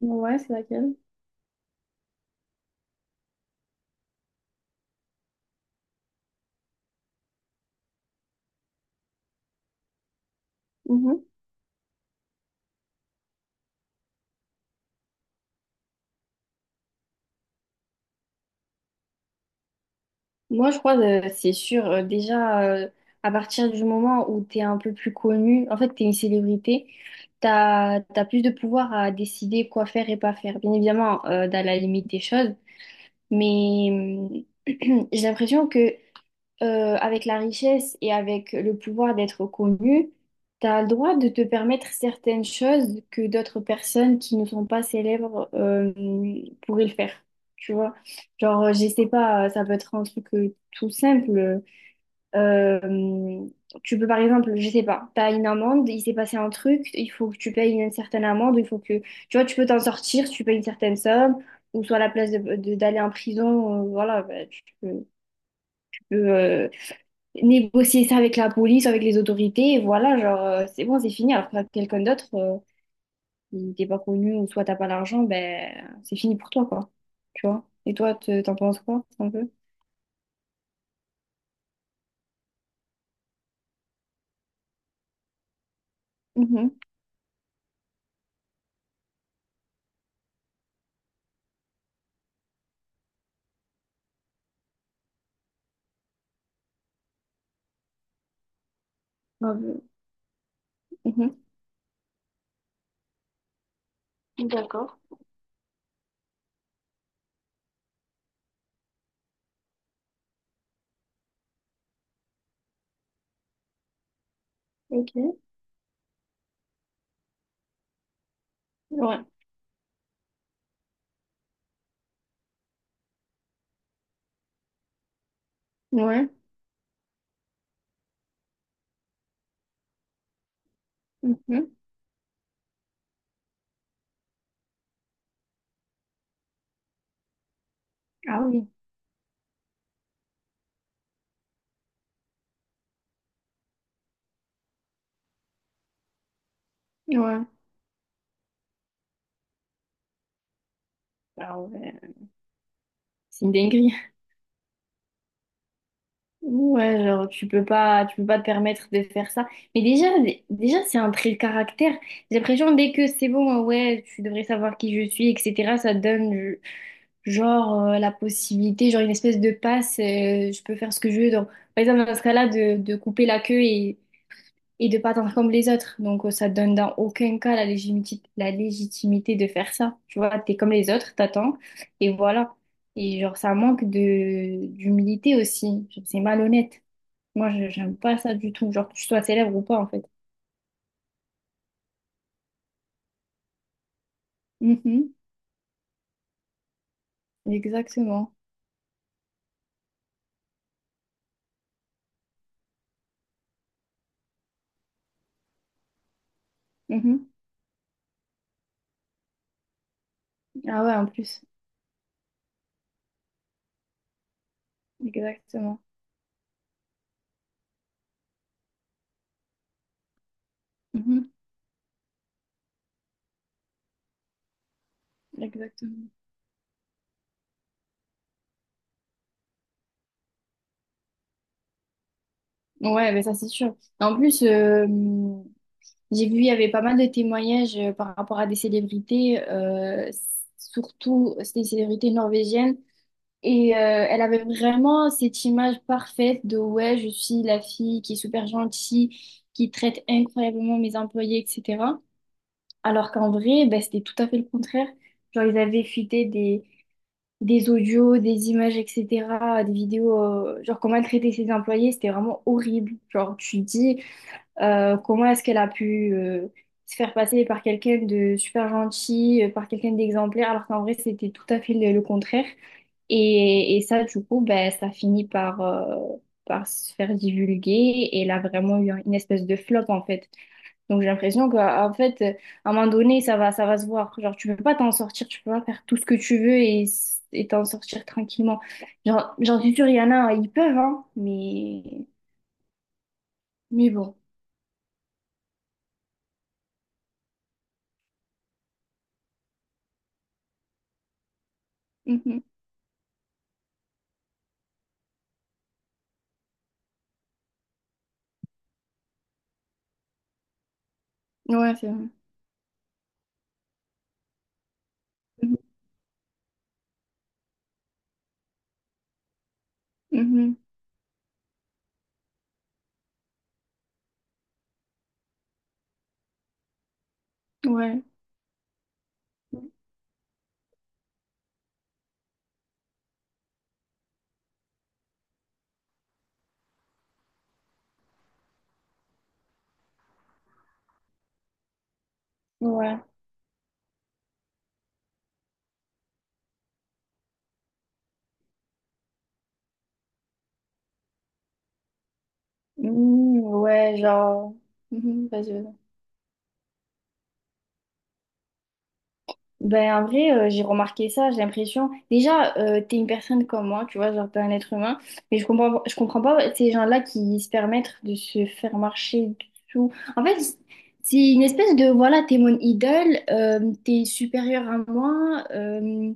Ouais, c'est laquelle? Mhm. Moi, je crois, c'est sûr, déjà, à partir du moment où tu es un peu plus connu, en fait, tu es une célébrité, tu as, plus de pouvoir à décider quoi faire et pas faire. Bien évidemment, dans la limite des choses, mais j'ai l'impression que avec la richesse et avec le pouvoir d'être connu, tu as le droit de te permettre certaines choses que d'autres personnes qui ne sont pas célèbres pourraient le faire. Tu vois, genre, je sais pas, ça peut être un truc tout simple. Euh, Tu peux, par exemple, je sais pas, t'as une amende, il s'est passé un truc, il faut que tu payes une certaine amende, il faut que, tu vois, tu peux t'en sortir, si tu payes une certaine somme, ou soit à la place de, d'aller en prison, voilà, bah, tu peux, tu peux, euh, négocier ça avec la police, avec les autorités, et voilà, genre, c'est bon, c'est fini. Alors que quelqu'un d'autre, il t'est pas connu, ou soit t'as pas l'argent, ben, c'est fini pour toi, quoi. Tu vois? Et toi, t'en penses quoi, un peu? Mhm. Grave. Mhm. D'accord. Ok. Ouais. Ouais. Mhm. Ah oui. Ouais. Ah ouais. C'est une dinguerie. Ouais, genre tu peux pas, te permettre de faire ça. Mais déjà, c'est un trait de caractère. J'ai l'impression dès que c'est bon, ouais, tu devrais savoir qui je suis, etc. Ça donne genre la possibilité, genre une espèce de passe. Je peux faire ce que je veux. Donc, par exemple dans ce cas-là, de, couper la queue et, de pas attendre comme les autres. Donc ça donne dans aucun cas la légitimité de faire ça. Tu vois, t'es comme les autres, t'attends et voilà. Et genre ça manque de d'humilité aussi. Genre, c'est malhonnête. Moi, j'aime pas ça du tout. Genre, que tu sois célèbre ou pas, en fait. Mhm. Exactement. Mhm. Ah ouais, en plus. Exactement. Mhm. Exactement. Ouais, mais ça, c'est sûr. En plus, j'ai vu, il y avait pas mal de témoignages par rapport à des célébrités, surtout c'était des célébrités norvégiennes. Et elle avait vraiment cette image parfaite de ouais, je suis la fille qui est super gentille, qui traite incroyablement mes employés, etc. Alors qu'en vrai, bah, c'était tout à fait le contraire. Genre, ils avaient fuité des, audios, des images, etc., des vidéos, genre comment elle traitait ses employés, c'était vraiment horrible. Genre, tu te dis, comment est-ce qu'elle a pu se faire passer par quelqu'un de super gentil, par quelqu'un d'exemplaire, alors qu'en vrai, c'était tout à fait le, contraire. Et, ça, du coup, bah, ça finit par, se faire divulguer, et elle a vraiment eu une espèce de flop, en fait. Donc j'ai l'impression qu'en fait, à un moment donné, ça va, se voir. Genre, tu peux pas t'en sortir, tu peux pas faire tout ce que tu veux et t'en sortir tranquillement. Genre, j'en suis sûre, il y en a, hein, ils peuvent, hein, mais, bon. Mhm. Ouais, c'est vrai. Mhm. Mhm. Ouais. Ouais. Mhm. Ouais, genre. Mhm. Vas-y, vas-y. Ben, en vrai, j'ai remarqué ça, j'ai l'impression. Déjà, t'es une personne comme moi, tu vois, genre t'es un être humain, mais je comprends, pas ces gens-là qui se permettent de se faire marcher dessous. En fait, c'est une espèce de, voilà, t'es mon idole, t'es supérieur à moi,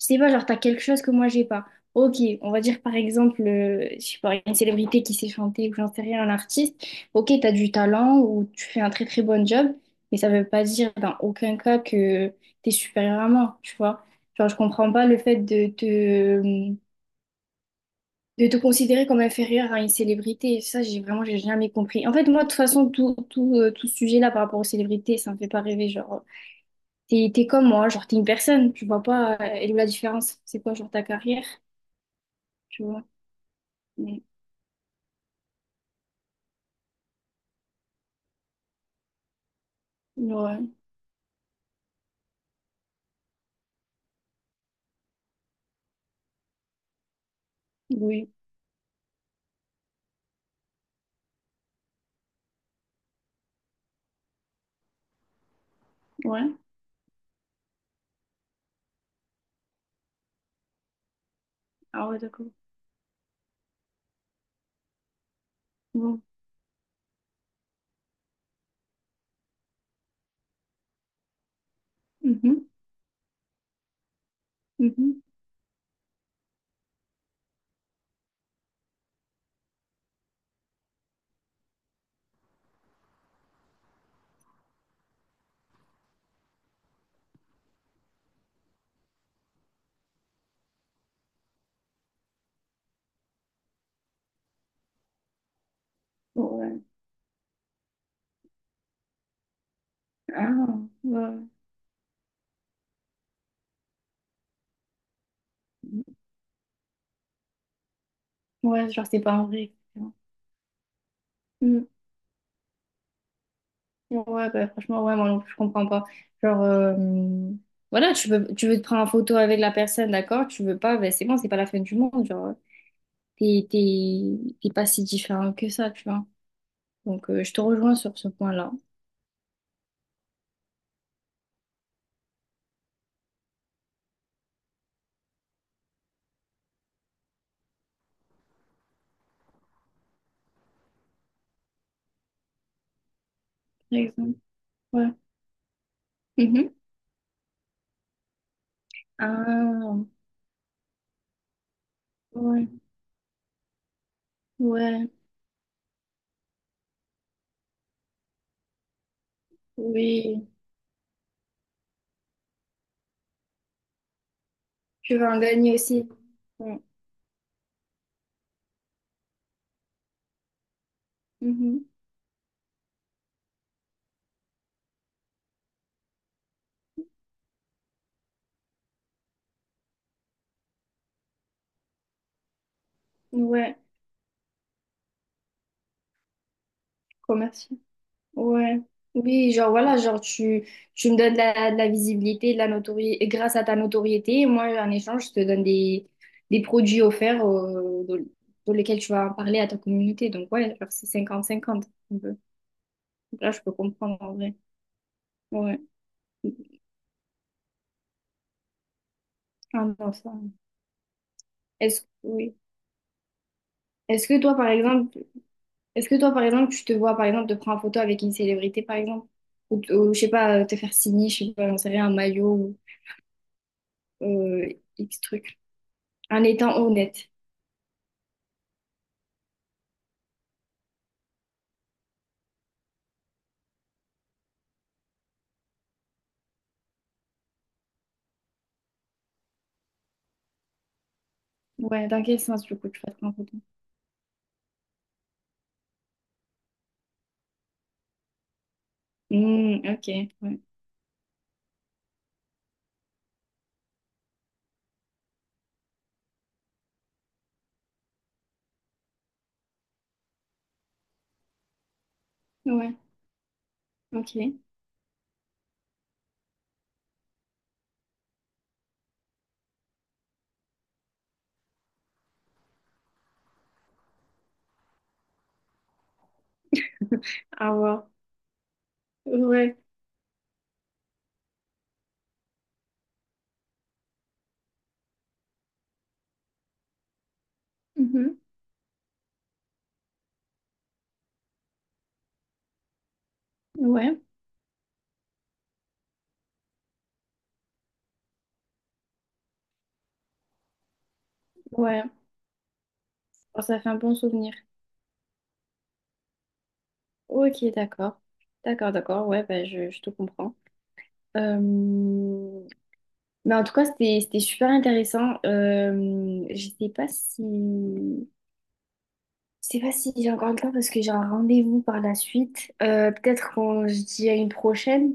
je sais pas, genre, t'as quelque chose que moi, j'ai pas. Ok, on va dire par exemple, je sais pas, une célébrité qui sait chanter ou j'en sais rien, un artiste. Ok, t'as du talent ou tu fais un très très bon job, mais ça veut pas dire dans aucun cas que t'es supérieur à moi, tu vois. Genre, je comprends pas le fait de te, considérer comme inférieur à une célébrité. Ça, j'ai vraiment, j'ai jamais compris. En fait, moi, de toute façon, tout, tout ce sujet-là par rapport aux célébrités, ça me fait pas rêver. Genre, t'es, comme moi, genre, t'es une personne, tu vois pas, elle est où la différence? C'est quoi, genre, ta carrière? Tu vois. Mais, ouais, oui, ouais. Ah ouais, d'accord. Bon. Mhm, mhm. Ouais. Ah, ouais. Ouais, genre, c'est pas un vrai. Etc. Mm. Ouais, bah, franchement, ouais, moi non plus, je comprends pas. Genre, voilà, tu veux, te prendre en photo avec la personne, d'accord? Tu veux pas, ben c'est bon, c'est pas la fin du monde. Genre, t'es, pas si différent que ça, tu vois. Donc, je te rejoins sur ce point-là. Par exemple. Ouais. Mhm. Ah, ouais, ouais, oui. Tu vas en gagner aussi. Ouais. Mhm. Ouais. Commercial. Ouais. Oui, genre voilà, genre tu, me donnes de la, visibilité, de la notoriété, grâce à ta notoriété, moi en échange, je te donne des, produits offerts dans, lesquels tu vas en parler à ta communauté. Donc ouais, genre c'est cinquante cinquante un peu. Donc Là, je peux comprendre en vrai. Ouais. Ah non, ça. Est-ce, oui. Est-ce que toi, par exemple, Est-ce que toi, par exemple, tu te vois, par exemple, te prendre en photo avec une célébrité, par exemple? Ou, je sais pas, te faire signer, je sais pas, j'en sais rien, un maillot ou X truc. En étant honnête. Ouais, dans quel sens, du coup, tu vas te prendre en photo? Hmm, ok, ouais. Ouais, ok. À voir. Ouais. mhm, ouais, ouais. Oh, ça fait un bon souvenir. Ok, d'accord. D'accord, d'accord, ouais, bah, je, te comprends. Euh, Mais en tout cas, c'était, super intéressant. Je sais pas si j'ai encore le temps parce que j'ai un rendez-vous par la suite. Peut-être qu'on se dit à une prochaine.